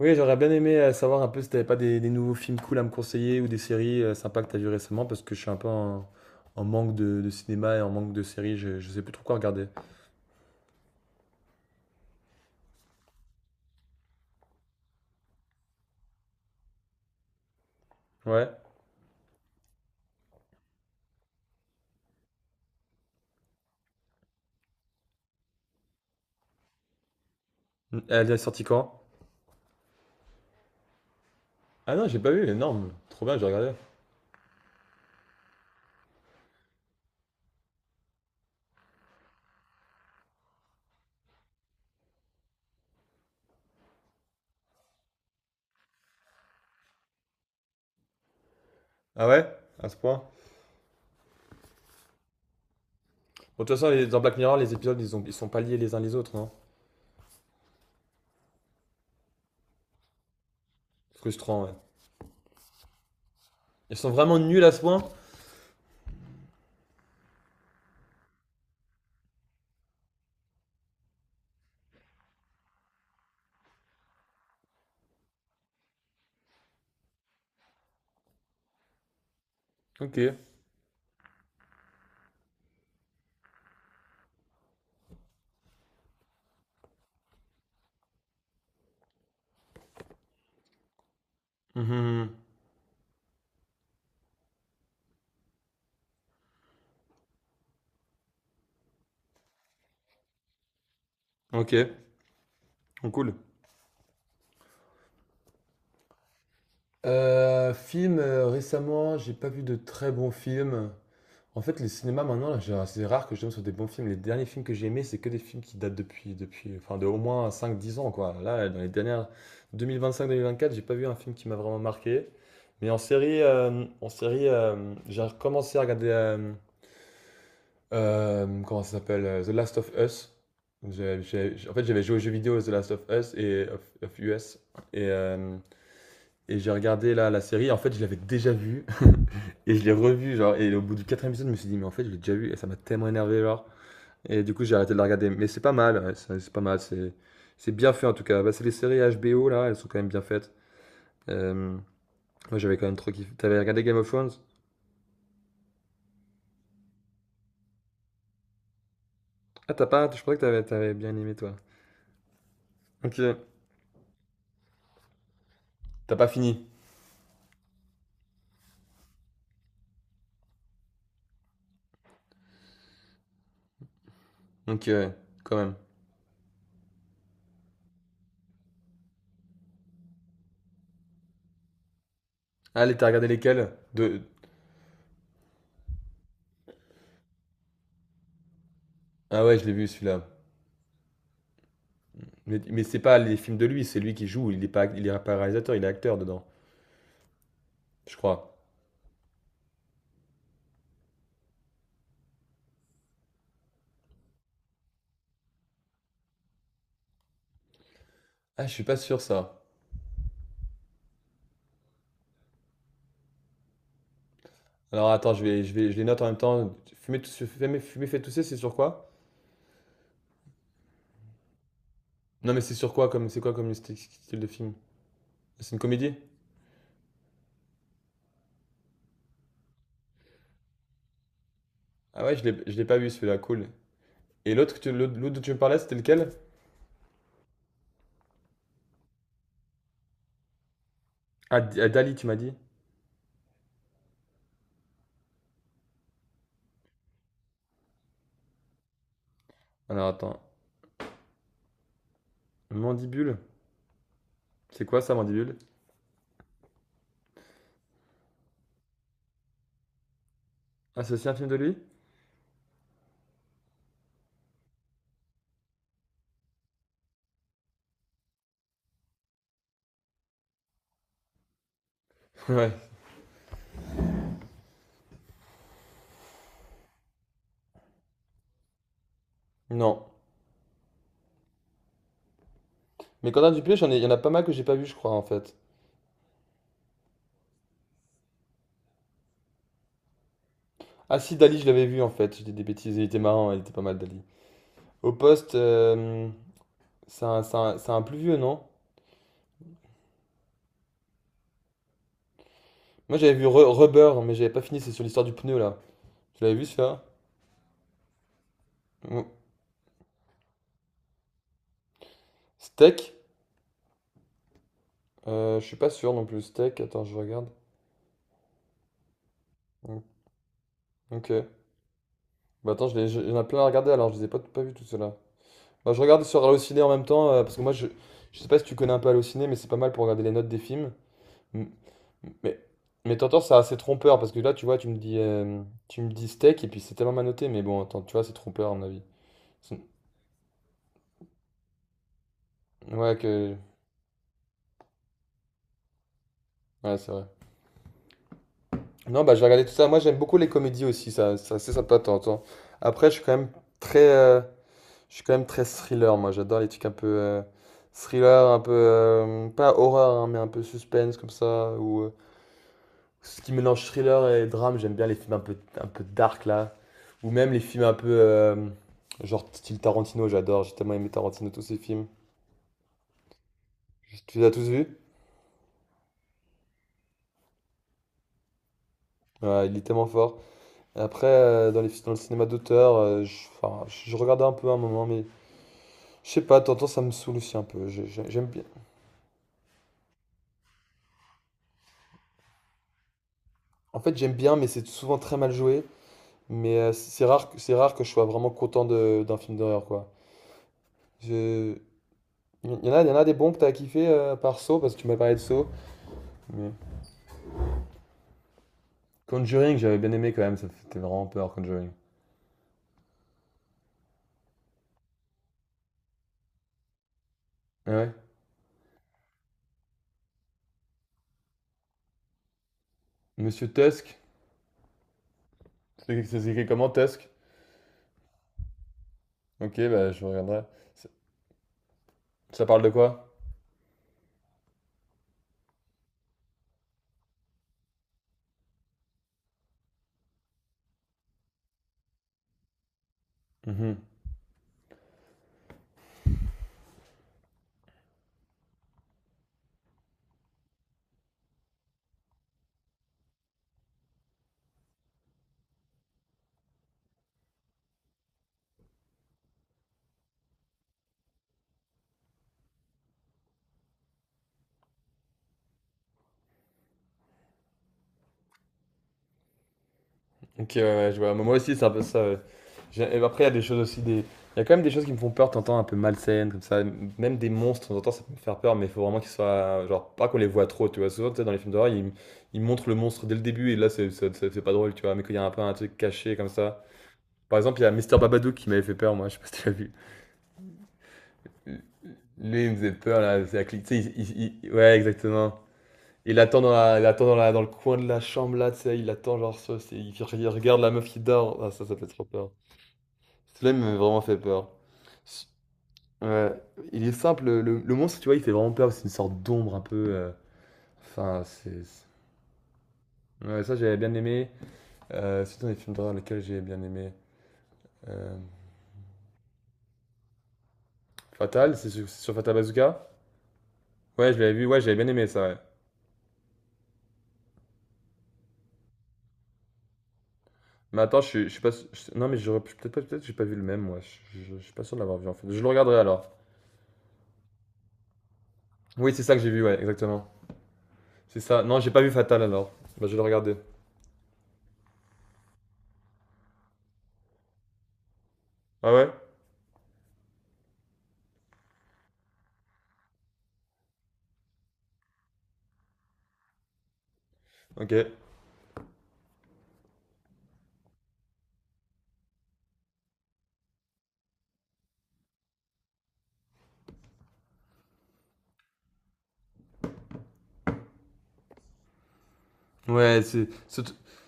Oui, j'aurais bien aimé savoir un peu si t'avais pas des nouveaux films cool à me conseiller ou des séries sympas que t'as vu récemment parce que je suis un peu en manque de cinéma et en manque de séries, je sais plus trop quoi regarder. Ouais. Elle est sortie quand? Ah non, j'ai pas vu, énorme. Trop bien, j'ai regardé. Ah ouais? À ce point. Bon, de toute façon, dans Black Mirror, les épisodes, ils sont pas liés les uns les autres, non? Frustrant, ouais. Ils sont vraiment nuls à ce point? Ok. Mhm. Ok. Cool. Film, récemment, j'ai pas vu de très bons films. En fait, les cinémas maintenant, là, c'est rare que je tombe sur des bons films. Les derniers films que j'ai aimés, c'est que des films qui datent enfin, de au moins 5, 10 ans, quoi. Là, dans les dernières deux mille vingt-cinq-deux mille vingt-cinq, vingt-quatre, j'ai pas vu un film qui m'a vraiment marqué. Mais en série, j'ai recommencé à regarder, comment ça s'appelle, The Last of Us. En fait, j'avais joué aux jeux vidéo The Last of Us et of US, et, euh, et j'ai regardé là la série. En fait, je l'avais déjà vue. Et je l'ai revu, genre, et au bout du quatrième épisode, je me suis dit, mais en fait, je l'ai déjà vu, et ça m'a tellement énervé, genre. Et du coup, j'ai arrêté de la regarder. Mais c'est pas mal, ouais, c'est pas mal, c'est bien fait en tout cas. Bah, c'est les séries HBO, là, elles sont quand même bien faites. Euh, Moi, j'avais quand même trop kiffé. T'avais regardé Game of Thrones? Ah, t'as pas, je croyais que t'avais bien aimé, toi. Ok, t'as pas fini. Donc, quand même. Allez, t'as regardé lesquels? De... Ah ouais, je l'ai vu, celui-là. Mais c'est pas les films de lui, c'est lui qui joue, il est pas réalisateur, il est acteur dedans, je crois. Ah, je suis pas sûr, ça. Alors attends, je vais, je les note en même temps. Fumer fait tousser, c'est sur quoi? Non, mais c'est sur quoi comme, c'est quoi comme style de film? C'est une comédie? Ah ouais, je l'ai pas vu celui-là, cool. Et l'autre, l'autre dont tu me parlais, c'était lequel? Ah, Dali, tu m'as dit. Alors attends, Mandibule, c'est quoi ça, Mandibule? Ah, c'est aussi un film de lui? Ouais. Non. Mais Quentin Dupieux, il y en a pas mal que j'ai pas vu, je crois, en fait. Ah si, Dali, je l'avais vu, en fait. J'étais des bêtises, il était marrant, il était pas mal, Dali. Au poste, c'est un plus vieux, non? Moi j'avais vu Rubber, mais j'avais pas fini, c'est sur l'histoire du pneu là. Tu l'avais vu celui-là? Mm. Steak? Je suis pas sûr non plus. Steak, attends, je regarde. Mm. Ok. Bah attends, il y en a plein à regarder alors, je les ai pas vus tout cela. Bah je regarde sur Allociné en même temps, parce que moi je sais pas si tu connais un peu Allociné, mais c'est pas mal pour regarder les notes des films. Mm. Mais, mais t'entends, c'est assez trompeur, parce que là tu vois, tu me dis steak et puis c'est tellement mal noté, mais bon, attends, tu vois, c'est trompeur à mon avis. C'est- Ouais, que. Ouais, c'est vrai. Non, bah, je vais regarder tout ça. Moi, j'aime beaucoup les comédies aussi, ça, c'est sympa de temps en temps. Après, très, euh, je suis quand même très thriller, moi. J'adore les trucs un peu thriller, un peu, pas horreur, hein, mais un peu suspense comme ça, ou ce qui mélange thriller et drame. J'aime bien les films un peu, dark, là. Ou même les films un peu, genre style Tarantino, j'adore. J'ai tellement aimé Tarantino, tous ses films. Tu les as tous vus? Ouais, il est tellement fort. Après, dans le cinéma d'auteur, enfin, je regardais un peu à un moment, mais je sais pas, t'entends, ça me saoule aussi un peu. J'aime bien. En fait, j'aime bien, mais c'est souvent très mal joué. Mais c'est rare que je sois vraiment content d'un film d'horreur, quoi. Je... Il y en a des bons que t'as kiffé par Saw, parce que tu m'as parlé de Saw. Mais... Conjuring, j'avais bien aimé quand même, ça fait vraiment peur, Conjuring. Ah ouais. Monsieur Tusk, c'est écrit comment Tusk? Ok, bah je regarderai. Ça ça parle de quoi? Mm-hmm. Ok, ouais, ouais, je vois. Mais moi aussi, c'est un peu ça, ouais. Et après, il y a des choses aussi, des... il y a quand même des choses qui me font peur, t'entends, un peu malsaines, comme ça. Même des monstres, t'entends, ça peut me faire peur, mais il faut vraiment qu'ils soient. Genre, pas qu'on les voit trop, tu vois. Souvent, tu sais, dans les films d'horreur, ils... ils montrent le monstre dès le début, et là, c'est pas drôle, tu vois. Mais quand il y a un peu un truc caché, comme ça. Par exemple, il y a Mister Babadook qui m'avait fait peur, moi, je sais pas si tu l'as vu. Lui, il me faisait peur, là. Tu sais, ouais, exactement. Il attend dans le coin de la chambre, là, tu sais, il attend, genre, ça, il regarde la meuf qui dort. Ah, ça fait trop peur. Cela m'a vraiment fait peur. S- Ouais, il est simple, le monstre, tu vois, il fait vraiment peur, c'est une sorte d'ombre un peu. Enfin, ouais, ça, j'avais bien aimé. C'est dans les films d'horreur lesquels j'ai bien aimé. Euh, Fatal, c'est sur Fatal Bazooka? Ouais, je l'avais vu, ouais, j'avais bien aimé ça, ouais. Mais attends, je suis pas. Non, mais j'aurais peut-être pas, peut-être que j'ai pas vu le même, moi. Je suis pas sûr de l'avoir vu en fait. Je le regarderai alors. Oui, c'est ça que j'ai vu, ouais, exactement. C'est ça. Non, j'ai pas vu Fatal alors. Bah, je vais le regarder. Ah ouais? Ok. Ouais,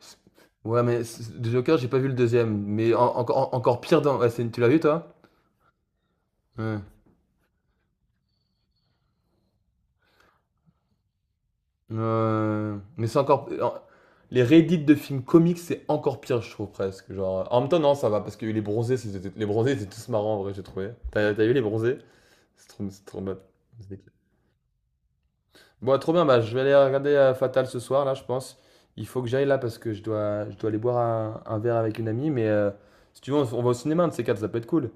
c'est- ouais, Joker, j'ai pas vu le deuxième. Mais encore pire dans. Ouais, tu l'as vu, toi? Ouais. Ouais. Mais c'est encore. Les réédits de films comiques, c'est encore pire, je trouve presque. Genre... En même temps, non, ça va, parce que les bronzés, étaient tous marrants, en vrai, j'ai trouvé. T'as vu les bronzés? C'est trop bien. C'était cool. Bon, trop bien, bah, je vais aller regarder Fatal ce soir, là, je pense. Il faut que j'aille là, parce que je dois aller boire un verre avec une amie. Mais si tu veux, on va au cinéma, un de ces quatre, ça peut être cool.